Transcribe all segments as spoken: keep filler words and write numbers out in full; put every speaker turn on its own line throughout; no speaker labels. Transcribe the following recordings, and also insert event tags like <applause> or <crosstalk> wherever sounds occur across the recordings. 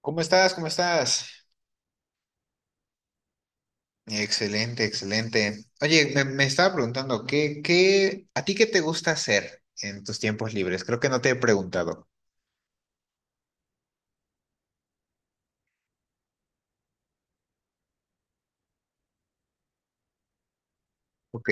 ¿Cómo estás? ¿Cómo estás? Excelente, excelente. Oye, me, me estaba preguntando, ¿qué, qué, a ti qué te gusta hacer en tus tiempos libres? Creo que no te he preguntado. Ok.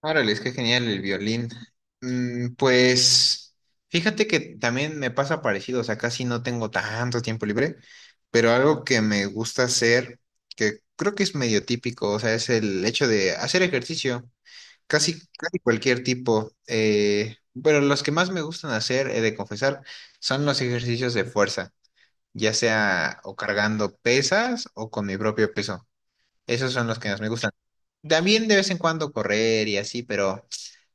Órale, es que genial el violín. Mm, pues fíjate que también me pasa parecido, o sea, casi no tengo tanto tiempo libre, pero algo que me gusta hacer, que creo que es medio típico, o sea, es el hecho de hacer ejercicio. Casi, casi cualquier tipo. Eh, pero los que más me gustan hacer, he de confesar, son los ejercicios de fuerza, ya sea o cargando pesas o con mi propio peso. Esos son los que más me gustan. También de vez en cuando correr y así, pero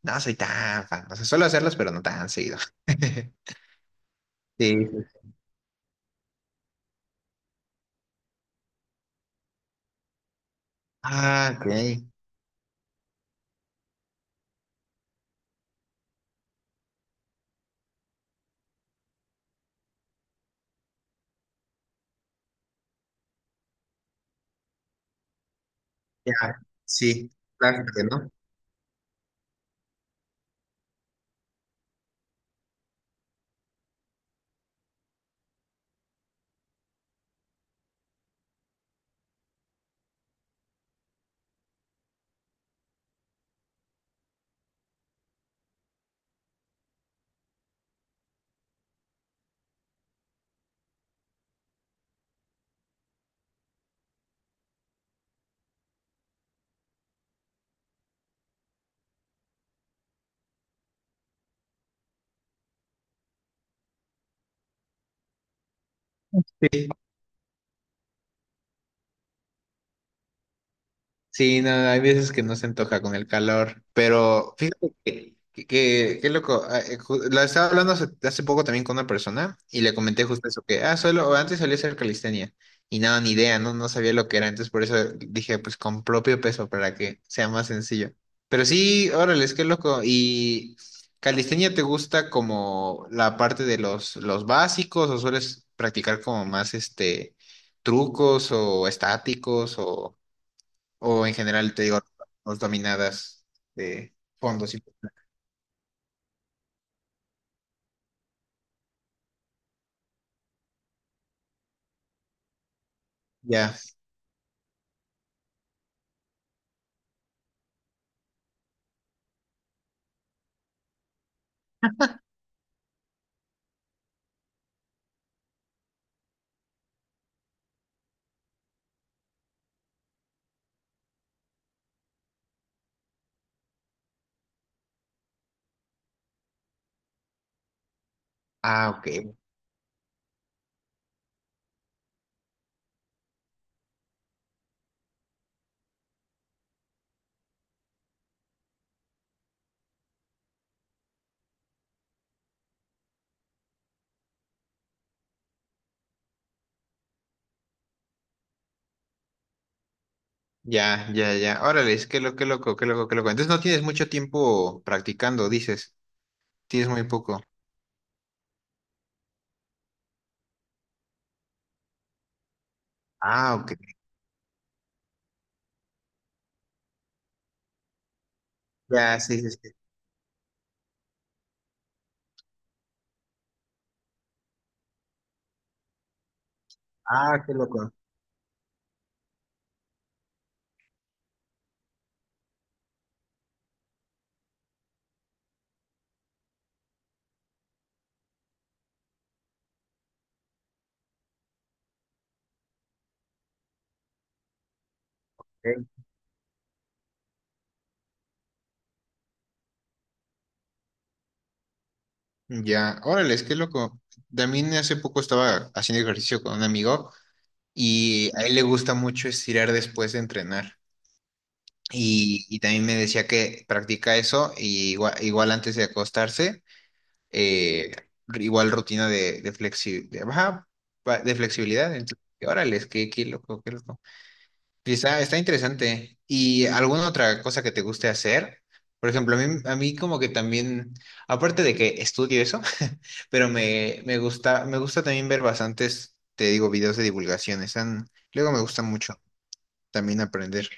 no soy tan fan. O sea, suelo hacerlos, pero no tan seguido. <laughs> Sí. Ah, ok. Ya, sí. Claro, ¿no? Sí. Sí, no, hay veces que no se antoja con el calor, pero fíjate que, que, que- qué loco, ah, eh, ju- lo estaba hablando hace, hace poco también con una persona y le comenté justo eso, que, ah, solo, antes solía hacer calistenia y nada, ni idea, no, no sabía lo que era, entonces por eso dije, pues con propio peso para que sea más sencillo. Pero sí, órale, es que loco, y calistenia te gusta como la parte de los, los básicos o sueles practicar como más este trucos o estáticos o... O en general, te digo, los dominadas de fondos y... Ya. Ah, ok. Ya, ya, ya. Órale, qué, lo, qué loco, qué loco, qué loco. Entonces no tienes mucho tiempo practicando, dices. Tienes muy poco. Ah, ok. Ya, sí, sí, sí. Ah, qué loco. Ok. Ya, órale, qué loco. También hace poco estaba haciendo ejercicio con un amigo y a él le gusta mucho estirar después de entrenar. Y, y también me decía que practica eso y igua- igual, antes de acostarse eh, igual rutina de, de, flexi- de, ajá, pa- de flexibilidad. Entonces, órale, qué, qué loco, qué loco. Y está, está interesante. ¿Y alguna otra cosa que te guste hacer? Por ejemplo, a mí, a mí como que también, aparte de que estudio eso, <laughs> pero me, me gusta, me gusta también ver bastantes, te digo, videos de divulgación. Están, luego me gusta mucho también aprender.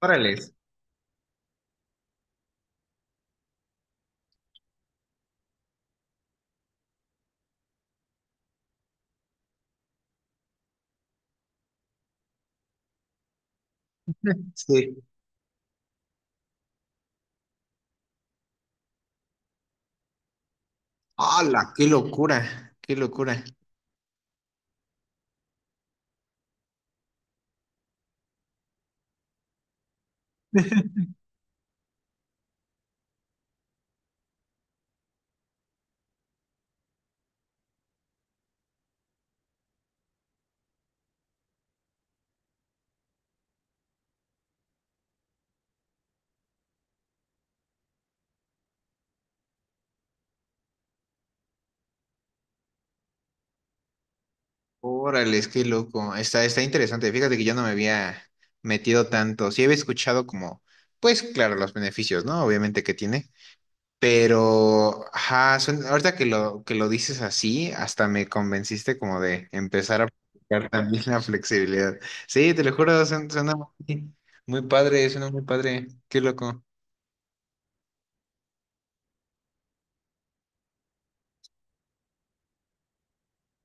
Órale. Sí. ¡Hala! ¡Qué locura! ¡Qué locura! Órale, es que loco. Está, está interesante. Fíjate que yo no me había metido tanto. Sí había escuchado como, pues claro, los beneficios, ¿no? Obviamente que tiene. Pero, ajá, suena- ahorita que lo, que lo dices así, hasta me convenciste como de empezar a aplicar también la flexibilidad. Sí, te lo juro, suena, suena muy, muy padre, suena muy padre. Qué loco.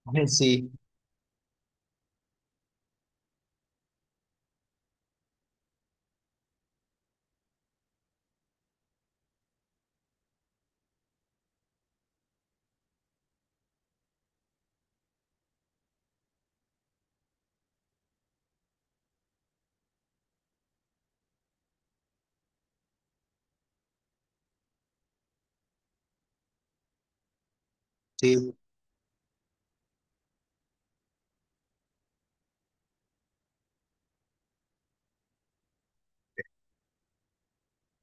Ay, sí, sí,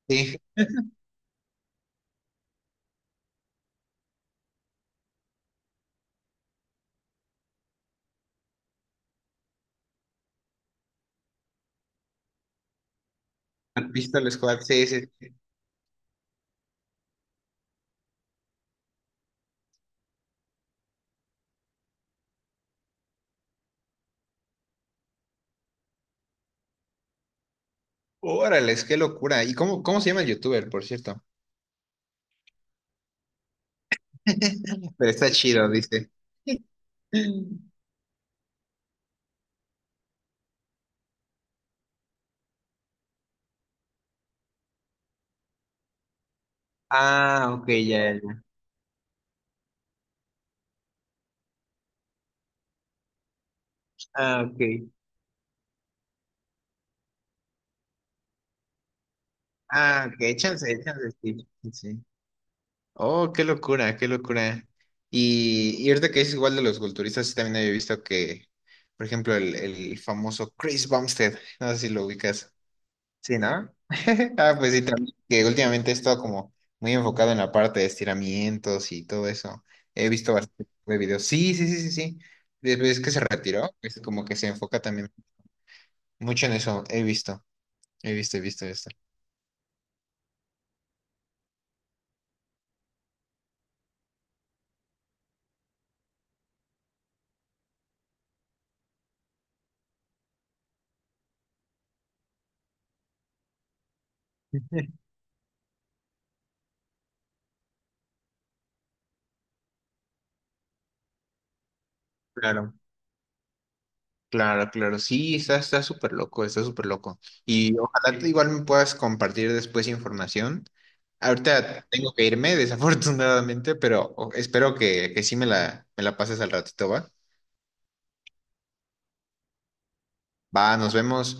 sí. Pistol Squad, sí, sí, sí. Órale, qué locura. ¿Y cómo, cómo se llama el youtuber, por cierto? <laughs> Pero está chido, dice. Ah, ok, ya, ya, ya. Ah, ok. Ah, ok, chance, chance, sí, sí, sí. Oh, qué locura, qué locura. Y, y ahorita que es igual de los culturistas, sí también había visto que, por ejemplo, el, el famoso Chris Bumstead, no sé si lo ubicas. Sí, ¿no? <laughs> Ah, pues sí, también, que últimamente he estado como muy enfocado en la parte de estiramientos y todo eso. He visto bastante de videos. Sí, sí, sí, sí, sí. Después que se retiró, pues como que se enfoca también mucho en eso. He visto, he visto, he visto esto. Claro, claro, claro. Sí, está, está súper loco, está súper loco. Y ojalá tú igual me puedas compartir después información. Ahorita tengo que irme, <laughs> desafortunadamente, pero o- espero que, que sí me la, me la pases al ratito, ¿va? Va, nos vemos.